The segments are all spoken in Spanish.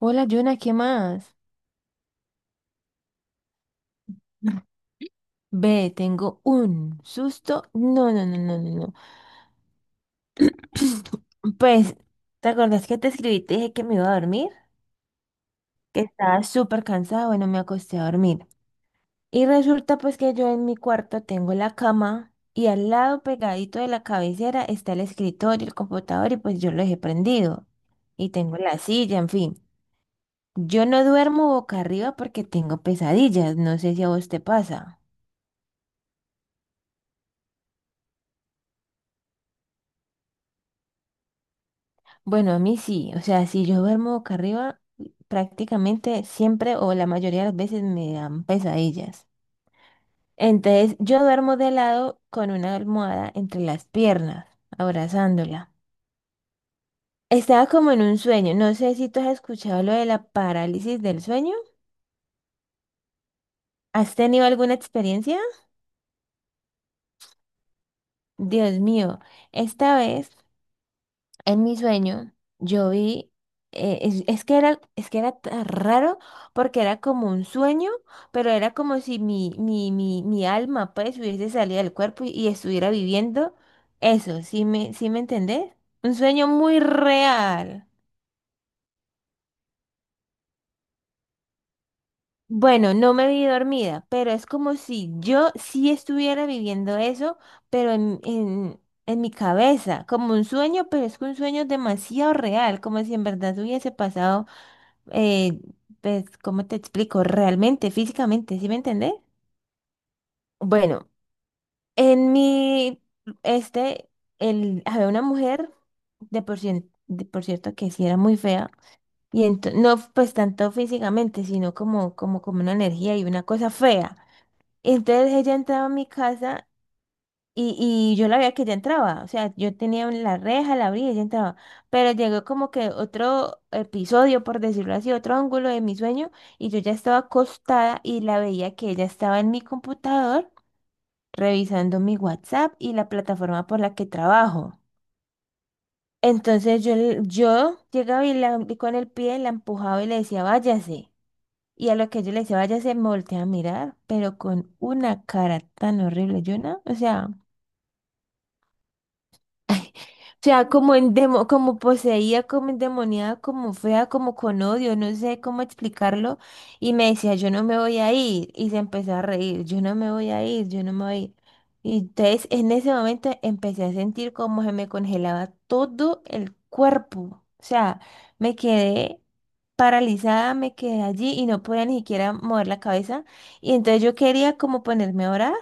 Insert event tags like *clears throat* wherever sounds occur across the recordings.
Hola, Jonah, ¿qué más? Ve, tengo un susto. No, no, no, no, no, no. *clears throat* Pues, ¿te acordás que te escribí? Y te dije que me iba a dormir, que estaba súper cansada. Bueno, me acosté a dormir. Y resulta pues que yo en mi cuarto tengo la cama y al lado pegadito de la cabecera está el escritorio, el computador y pues yo lo dejé prendido. Y tengo la silla, en fin. Yo no duermo boca arriba porque tengo pesadillas. No sé si a vos te pasa. Bueno, a mí sí, o sea, si yo duermo boca arriba, prácticamente siempre o la mayoría de las veces me dan pesadillas. Entonces, yo duermo de lado con una almohada entre las piernas, abrazándola. Estaba como en un sueño, no sé si tú has escuchado lo de la parálisis del sueño. ¿Has tenido alguna experiencia? Dios mío, esta vez. En mi sueño, yo vi, es que era tan raro porque era como un sueño, pero era como si mi alma pues hubiese salido del cuerpo y estuviera viviendo eso, ¿sí me entendés? Un sueño muy real. Bueno, no me vi dormida, pero es como si yo sí estuviera viviendo eso, pero en mi cabeza, como un sueño, pero es que un sueño demasiado real, como si en verdad hubiese pasado eh, pues, ¿cómo te explico? Realmente, físicamente, ¿sí me entendés? Bueno, en mi, este, el, había una mujer, de por cierto, que sí era muy fea, no pues tanto físicamente, sino como una energía y una cosa fea. Entonces ella entraba a mi casa. Y yo la veía que ella entraba, o sea, yo tenía la reja, la abría y ella entraba, pero llegó como que otro episodio, por decirlo así, otro ángulo de mi sueño, y yo ya estaba acostada y la veía que ella estaba en mi computador revisando mi WhatsApp y la plataforma por la que trabajo. Entonces yo llegaba y con el pie la empujaba y le decía, váyase. Y a lo que yo le decía, váyase, me volteé a mirar, pero con una cara tan horrible, yo no, o sea. Ay, o sea, como poseída, como endemoniada, como fea, como con odio, no sé cómo explicarlo. Y me decía, yo no me voy a ir. Y se empezó a reír, yo no me voy a ir, yo no me voy a ir. Y entonces en ese momento empecé a sentir como se me congelaba todo el cuerpo. O sea, me quedé paralizada, me quedé allí y no podía ni siquiera mover la cabeza. Y entonces yo quería como ponerme a orar,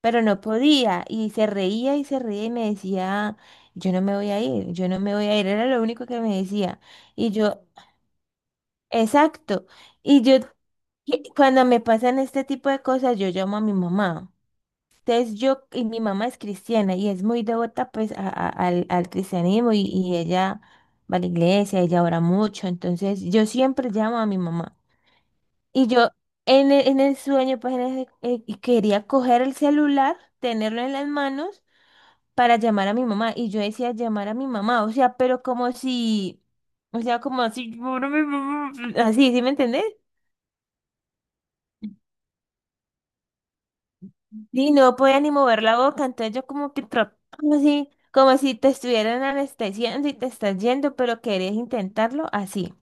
pero no podía. Y se reía y se reía y me decía, yo no me voy a ir, yo no me voy a ir, era lo único que me decía. Y yo, exacto. Y yo, y cuando me pasan este tipo de cosas, yo llamo a mi mamá. Entonces yo, y mi mamá es cristiana y es muy devota pues al cristianismo y ella va a la iglesia, ella ora mucho, entonces yo siempre llamo a mi mamá. Y yo en el sueño pues y quería coger el celular, tenerlo en las manos para llamar a mi mamá. Y yo decía llamar a mi mamá, o sea, pero como si, o sea, como así, "Llamar a mi mamá", así, ¿sí me entendés? Y no podía ni mover la boca, entonces yo como que trataba así, como si te estuvieran anestesiando y te estás yendo, pero querés intentarlo así.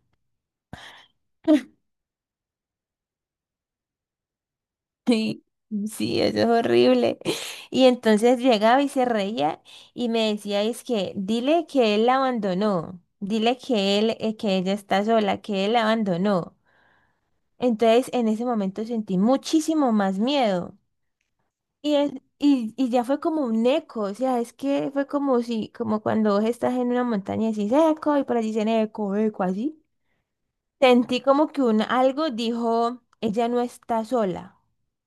Sí, eso es horrible. *laughs* Y entonces llegaba y se reía y me decía, es que dile que él la abandonó, dile que él, que ella está sola, que él la abandonó. Entonces, en ese momento sentí muchísimo más miedo. Y, es- y ya fue como un eco, o sea, es que fue como si, como cuando vos estás en una montaña y decís eco, y por allí dicen eco, eco, así. Sentí como que un algo dijo, ella no está sola,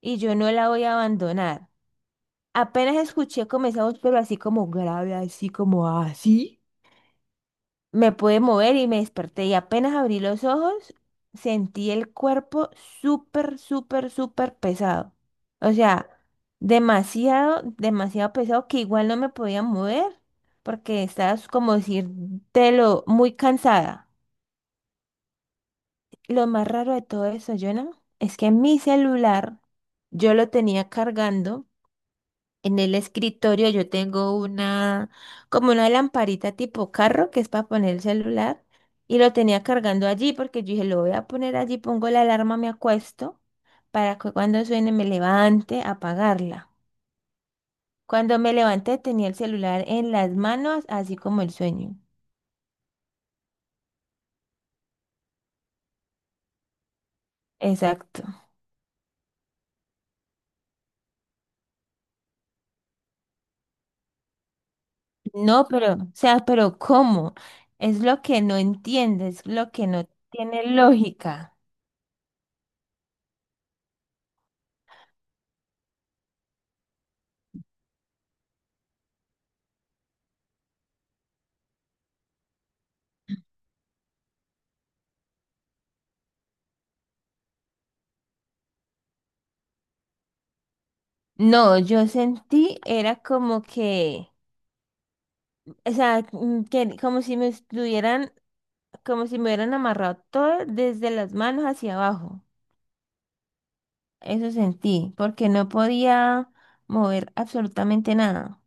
y yo no la voy a abandonar. Apenas escuché como esa voz, pero así como grave, así como así. Me pude mover y me desperté y apenas abrí los ojos, sentí el cuerpo súper, súper, súper pesado. O sea, demasiado, demasiado pesado que igual no me podía mover porque estaba como lo muy cansada. Lo más raro de todo eso, Jonah, es que mi celular yo lo tenía cargando. En el escritorio yo tengo una, como una lamparita tipo carro que es para poner el celular y lo tenía cargando allí porque yo dije, lo voy a poner allí, pongo la alarma, me acuesto para que cuando suene me levante a apagarla. Cuando me levanté tenía el celular en las manos, así como el sueño. Exacto. No, pero, o sea, pero ¿cómo? Es lo que no entiendes, lo que no tiene lógica. No, yo sentí, era como que. O sea, que, como si me estuvieran, como si me hubieran amarrado todo desde las manos hacia abajo. Eso sentí, porque no podía mover absolutamente nada.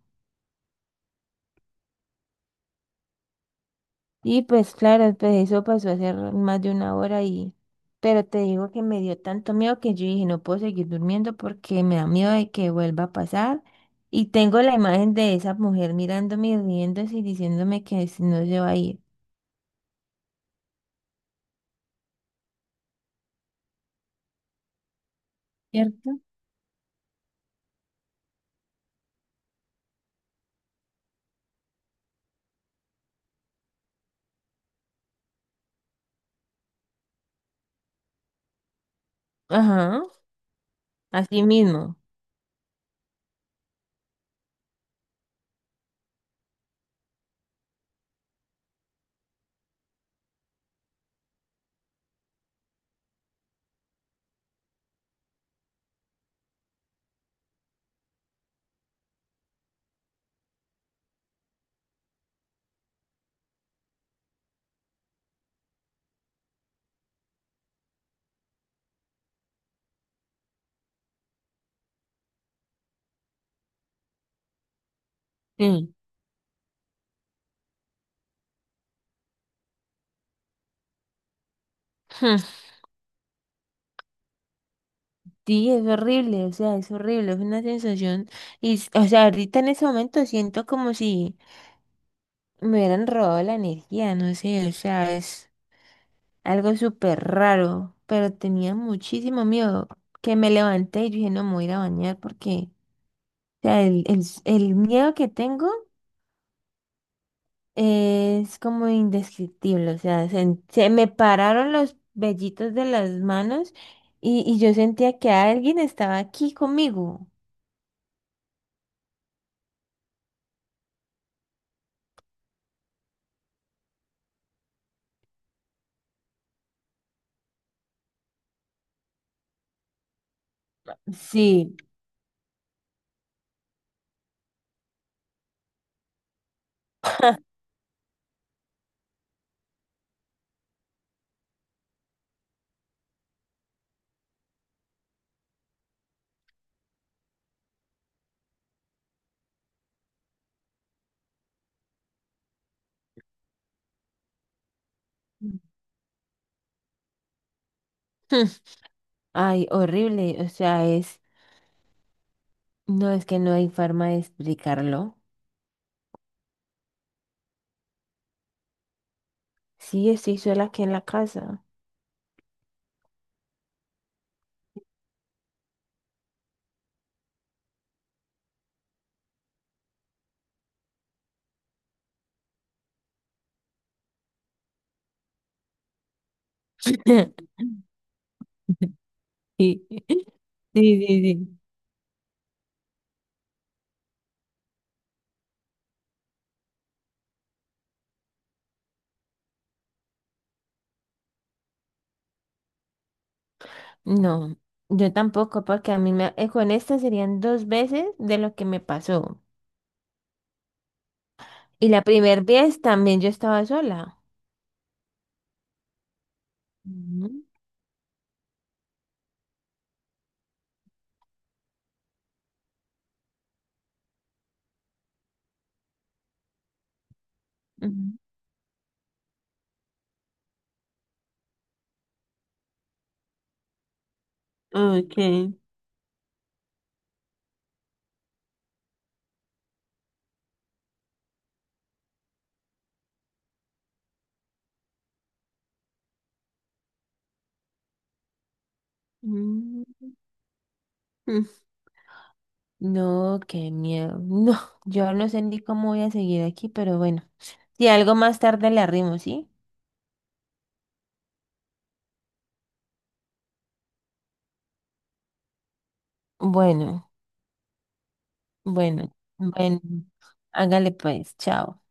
Y pues claro, pues eso pasó hace más de una hora y. Pero te digo que me dio tanto miedo que yo dije, no puedo seguir durmiendo porque me da miedo de que vuelva a pasar. Y tengo la imagen de esa mujer mirándome y riéndose y diciéndome que si no se va a ir. ¿Cierto? Ajá, así mismo. Sí. *laughs* Sí, es horrible, o sea, es horrible, es una sensación, o sea, ahorita en ese momento siento como si me hubieran robado la energía, no sé, o sea, es algo súper raro, pero tenía muchísimo miedo que me levanté y dije, no, me voy a ir a bañar porque, o sea, el miedo que tengo es como indescriptible, o sea, se me pararon los vellitos de las manos y yo sentía que alguien estaba aquí conmigo. Sí. *laughs* Ay, horrible. O sea, no es que no hay forma de explicarlo. Sí, estoy sola aquí en la casa. *laughs* Sí, *laughs* sí, sí, sí. No, yo tampoco, porque con esta serían dos veces de lo que me pasó. Y la primera vez también yo estaba sola. Ujú, ujú. Okay. Mm, *laughs* mm. No, qué miedo. No, *laughs* yo no sé ni cómo voy a seguir aquí, pero bueno. Si algo más tarde le arrimo, ¿sí? Bueno. Bueno, bueno, hágale pues, chao.